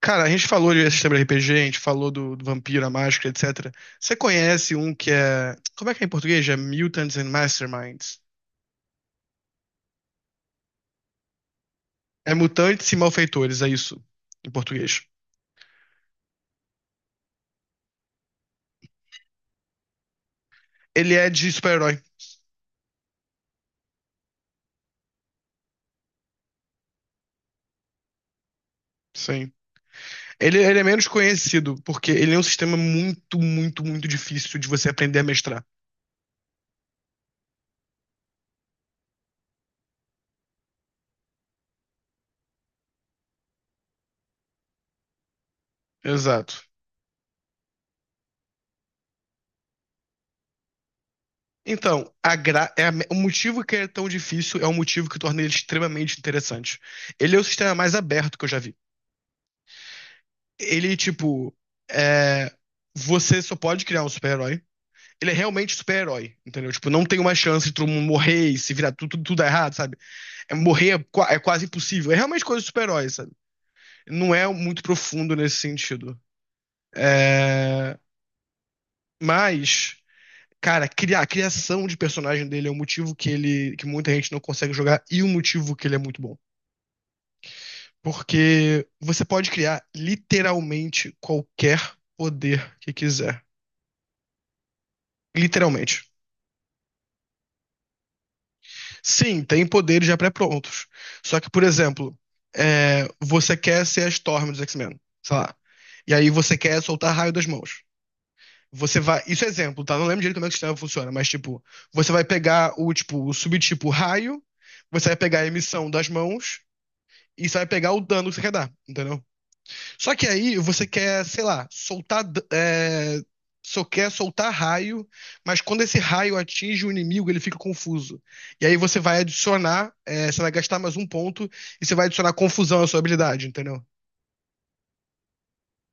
Cara, a gente falou de sistema de RPG, a gente falou do Vampiro, a Máscara, etc. Você conhece um que é. Como é que é em português? É Mutants and Masterminds. É Mutantes e Malfeitores, é isso, em português. Ele é de super-herói, sim. Ele é menos conhecido, porque ele é um sistema muito, muito, muito difícil de você aprender a mestrar. Exato. Então, a gra... é a- o motivo que ele é tão difícil é o motivo que torna ele extremamente interessante. Ele é o sistema mais aberto que eu já vi. Ele, tipo, é, você só pode criar um super-herói. Ele é realmente super-herói, entendeu? Tipo, não tem uma chance de todo mundo morrer e se virar tudo, tudo, tudo dar errado, sabe? É, morrer é quase impossível. É realmente coisa de super-herói, sabe? Não é muito profundo nesse sentido. É, mas, cara, a criação de personagem dele é um motivo que muita gente não consegue jogar e o motivo que ele é muito bom. Porque você pode criar literalmente qualquer poder que quiser. Literalmente. Sim, tem poderes já pré-prontos. Só que, por exemplo, você quer ser a Storm dos X-Men, sei lá. E aí você quer soltar raio das mãos. Você vai. Isso é exemplo, tá? Não lembro direito como é que o sistema funciona, mas tipo, você vai pegar o tipo, o subtipo raio, você vai pegar a emissão das mãos e você vai pegar o dano que você quer dar, entendeu? Só que aí você quer, sei lá, é, só quer soltar raio, mas quando esse raio atinge o inimigo, ele fica confuso. E aí você vai gastar mais um ponto e você vai adicionar confusão à sua habilidade, entendeu?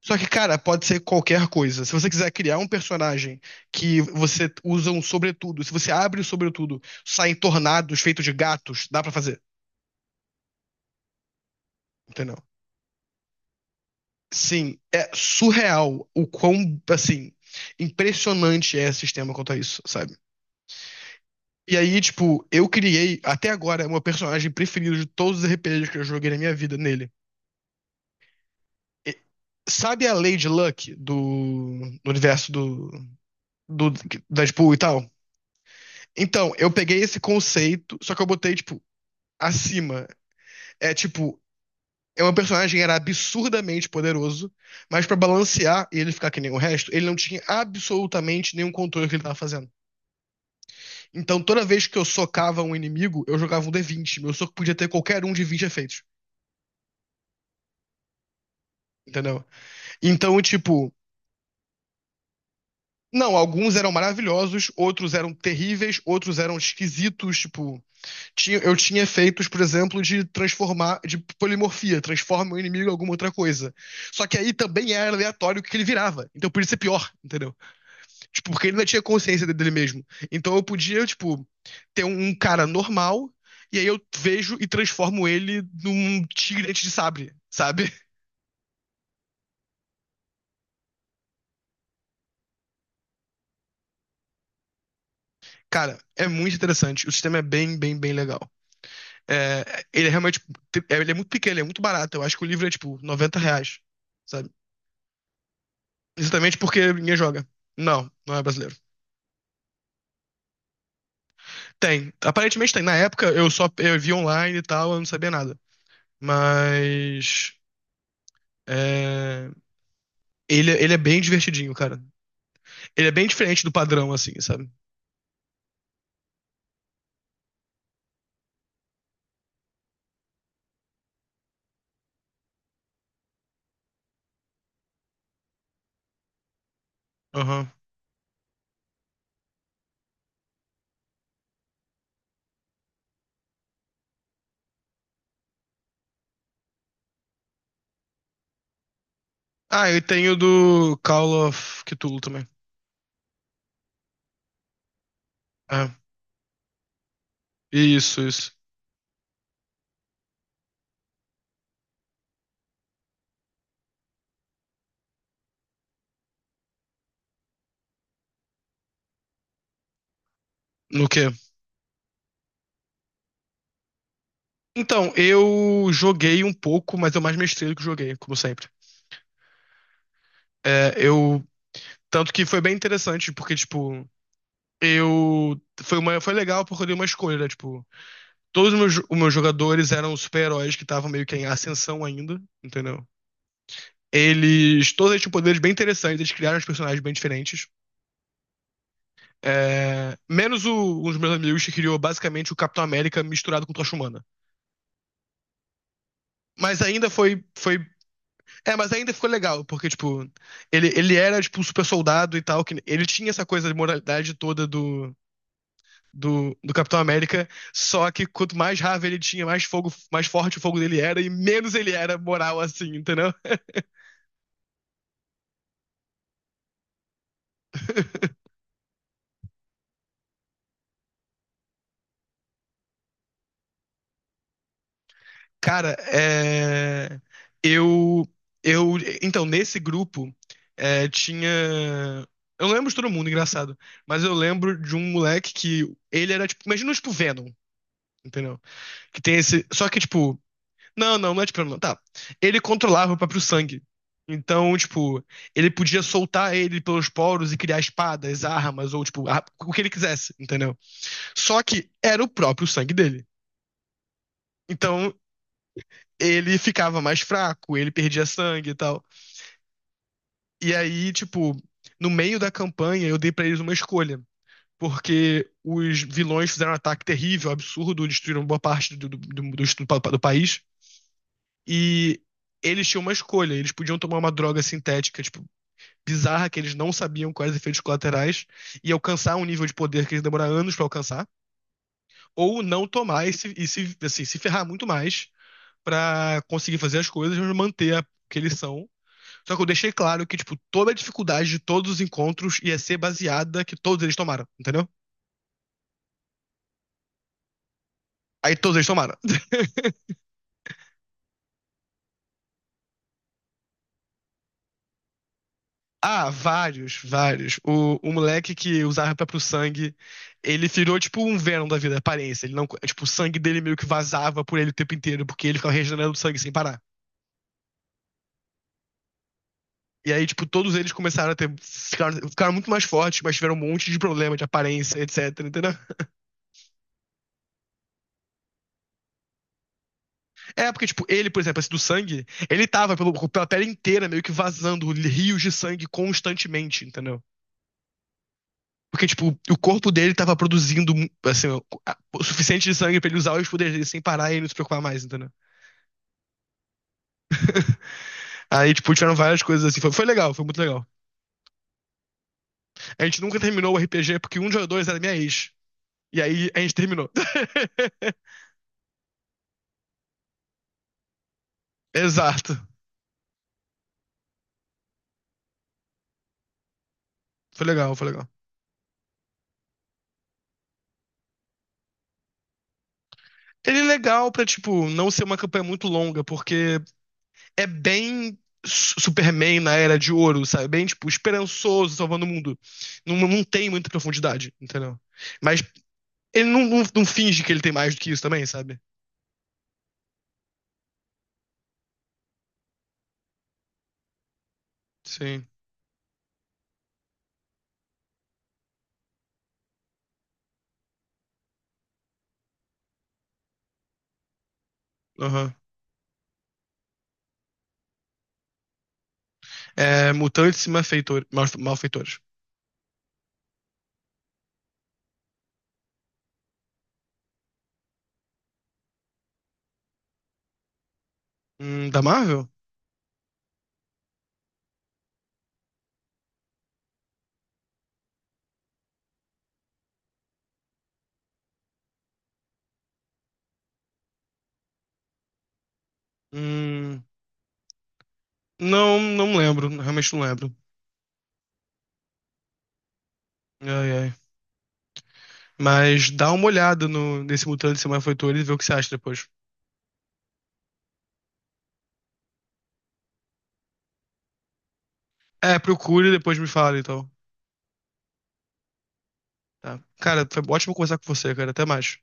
Só que, cara, pode ser qualquer coisa. Se você quiser criar um personagem que você usa um sobretudo, se você abre o sobretudo, saem tornados feitos de gatos, dá pra fazer, entendeu? Sim, é surreal o quão, assim, impressionante é esse sistema quanto a isso, sabe? E aí, tipo, eu criei, até agora, é o meu personagem preferido de todos os RPGs que eu joguei na minha vida nele. E- sabe a Lady Luck do universo do Deadpool e tal? Então, eu peguei esse conceito, só que eu botei, tipo, acima. É tipo, é um personagem que era absurdamente poderoso, mas pra balancear e ele ficar que nem o resto, ele não tinha absolutamente nenhum controle do que ele tava fazendo. Então, toda vez que eu socava um inimigo, eu jogava um D20. Meu soco podia ter qualquer um de 20 efeitos, entendeu? Então, tipo, não, alguns eram maravilhosos, outros eram terríveis, outros eram esquisitos, tipo, eu tinha efeitos, por exemplo, de transformar, de polimorfia, transforma o inimigo em alguma outra coisa. Só que aí também era aleatório o que ele virava, então podia ser pior, entendeu? Tipo, porque ele ainda tinha consciência dele mesmo. Então eu podia, tipo, ter um cara normal, e aí eu vejo e transformo ele num tigre dente de sabre, sabe? Cara, é muito interessante. O sistema é bem, bem, bem legal. É, ele é realmente. Ele é muito pequeno, ele é muito barato. Eu acho que o livro é, tipo, 90 reais, sabe? Exatamente porque ninguém joga. Não, não é brasileiro. Tem. Aparentemente tem. Na época eu só eu vi online e tal, eu não sabia nada. Mas. É... ele é bem divertidinho, cara. Ele é bem diferente do padrão, assim, sabe? Aham. Ah, eu tenho do Call of Cthulhu também. É. Isso, isso. No quê? Então, eu joguei um pouco, mas eu mais mestrei do que joguei, como sempre. É, eu. Tanto que foi bem interessante, porque, tipo, eu. Foi legal porque eu dei uma escolha, né? Tipo, todos os meus jogadores eram super-heróis que estavam meio que em ascensão ainda, entendeu? Eles. Todos eles tinham poderes bem interessantes, eles criaram os personagens bem diferentes. É, menos um dos meus amigos que criou basicamente o Capitão América misturado com Tocha Humana. Mas ainda foi. É, mas ainda ficou legal, porque, tipo, ele era, tipo, um super soldado e tal. Que ele tinha essa coisa de moralidade toda do Capitão América. Só que quanto mais raiva ele tinha, mais fogo, mais forte o fogo dele era, e menos ele era moral, assim, entendeu? Cara, eu, eu, então, nesse grupo, tinha, eu não lembro de todo mundo, engraçado, mas eu lembro de um moleque que, ele era, tipo, imagina, tipo, Venom, entendeu? Que tem esse, só que, tipo, não, não, não é tipo, Venom, não, tá, ele controlava o próprio sangue, então, tipo, ele podia soltar ele pelos poros e criar espadas, armas, ou, tipo, o que ele quisesse, entendeu? Só que era o próprio sangue dele. Então, ele ficava mais fraco, ele perdia sangue e tal. E aí, tipo, no meio da campanha eu dei pra eles uma escolha. Porque os vilões fizeram um ataque terrível, absurdo, destruíram boa parte do país. E eles tinham uma escolha. Eles podiam tomar uma droga sintética, tipo, bizarra, que eles não sabiam quais efeitos colaterais, e alcançar um nível de poder que eles demoraram anos para alcançar, ou não tomar e se, assim, se ferrar muito mais para conseguir fazer as coisas, mas manter a que eles são, Só que eu deixei claro que, tipo, toda a dificuldade de todos os encontros ia ser baseada que todos eles tomaram, entendeu? Aí todos eles tomaram. Ah, vários, vários. O moleque que usava próprio sangue, ele virou tipo um Venom da vida, aparência. Ele não, tipo, o sangue dele meio que vazava por ele o tempo inteiro, porque ele ficava regenerando sangue sem parar. E aí, tipo, todos eles começaram a ter. Ficaram muito mais fortes, mas tiveram um monte de problema de aparência, etc, entendeu? É, porque, tipo, ele, por exemplo, esse do sangue, ele tava pela tela inteira meio que vazando rios de sangue constantemente, entendeu? Porque, tipo, o corpo dele tava produzindo, assim, o suficiente de sangue pra ele usar os poderes dele sem parar e ele não se preocupar mais, entendeu? Aí, tipo, tiveram várias coisas assim. Foi legal, foi muito legal. A gente nunca terminou o RPG porque um de nós dois era minha ex. E aí a gente terminou. Exato. Foi legal, foi legal. Ele é legal pra, tipo, não ser uma campanha muito longa, porque é bem Superman na Era de Ouro, sabe? Bem, tipo, esperançoso, salvando o mundo. Não, não tem muita profundidade, entendeu? Mas ele não finge que ele tem mais do que isso também, sabe? Sim. Aham. É, Mutantes e Malfeitores. Da Marvel? Hum, não, não lembro. Realmente não lembro. Ai, ai. Mas dá uma olhada no, nesse Mutantes e Malfeitores e vê o que você acha depois. É, procure e depois me fala, então. Tá. Cara, foi ótimo conversar com você, cara. Até mais.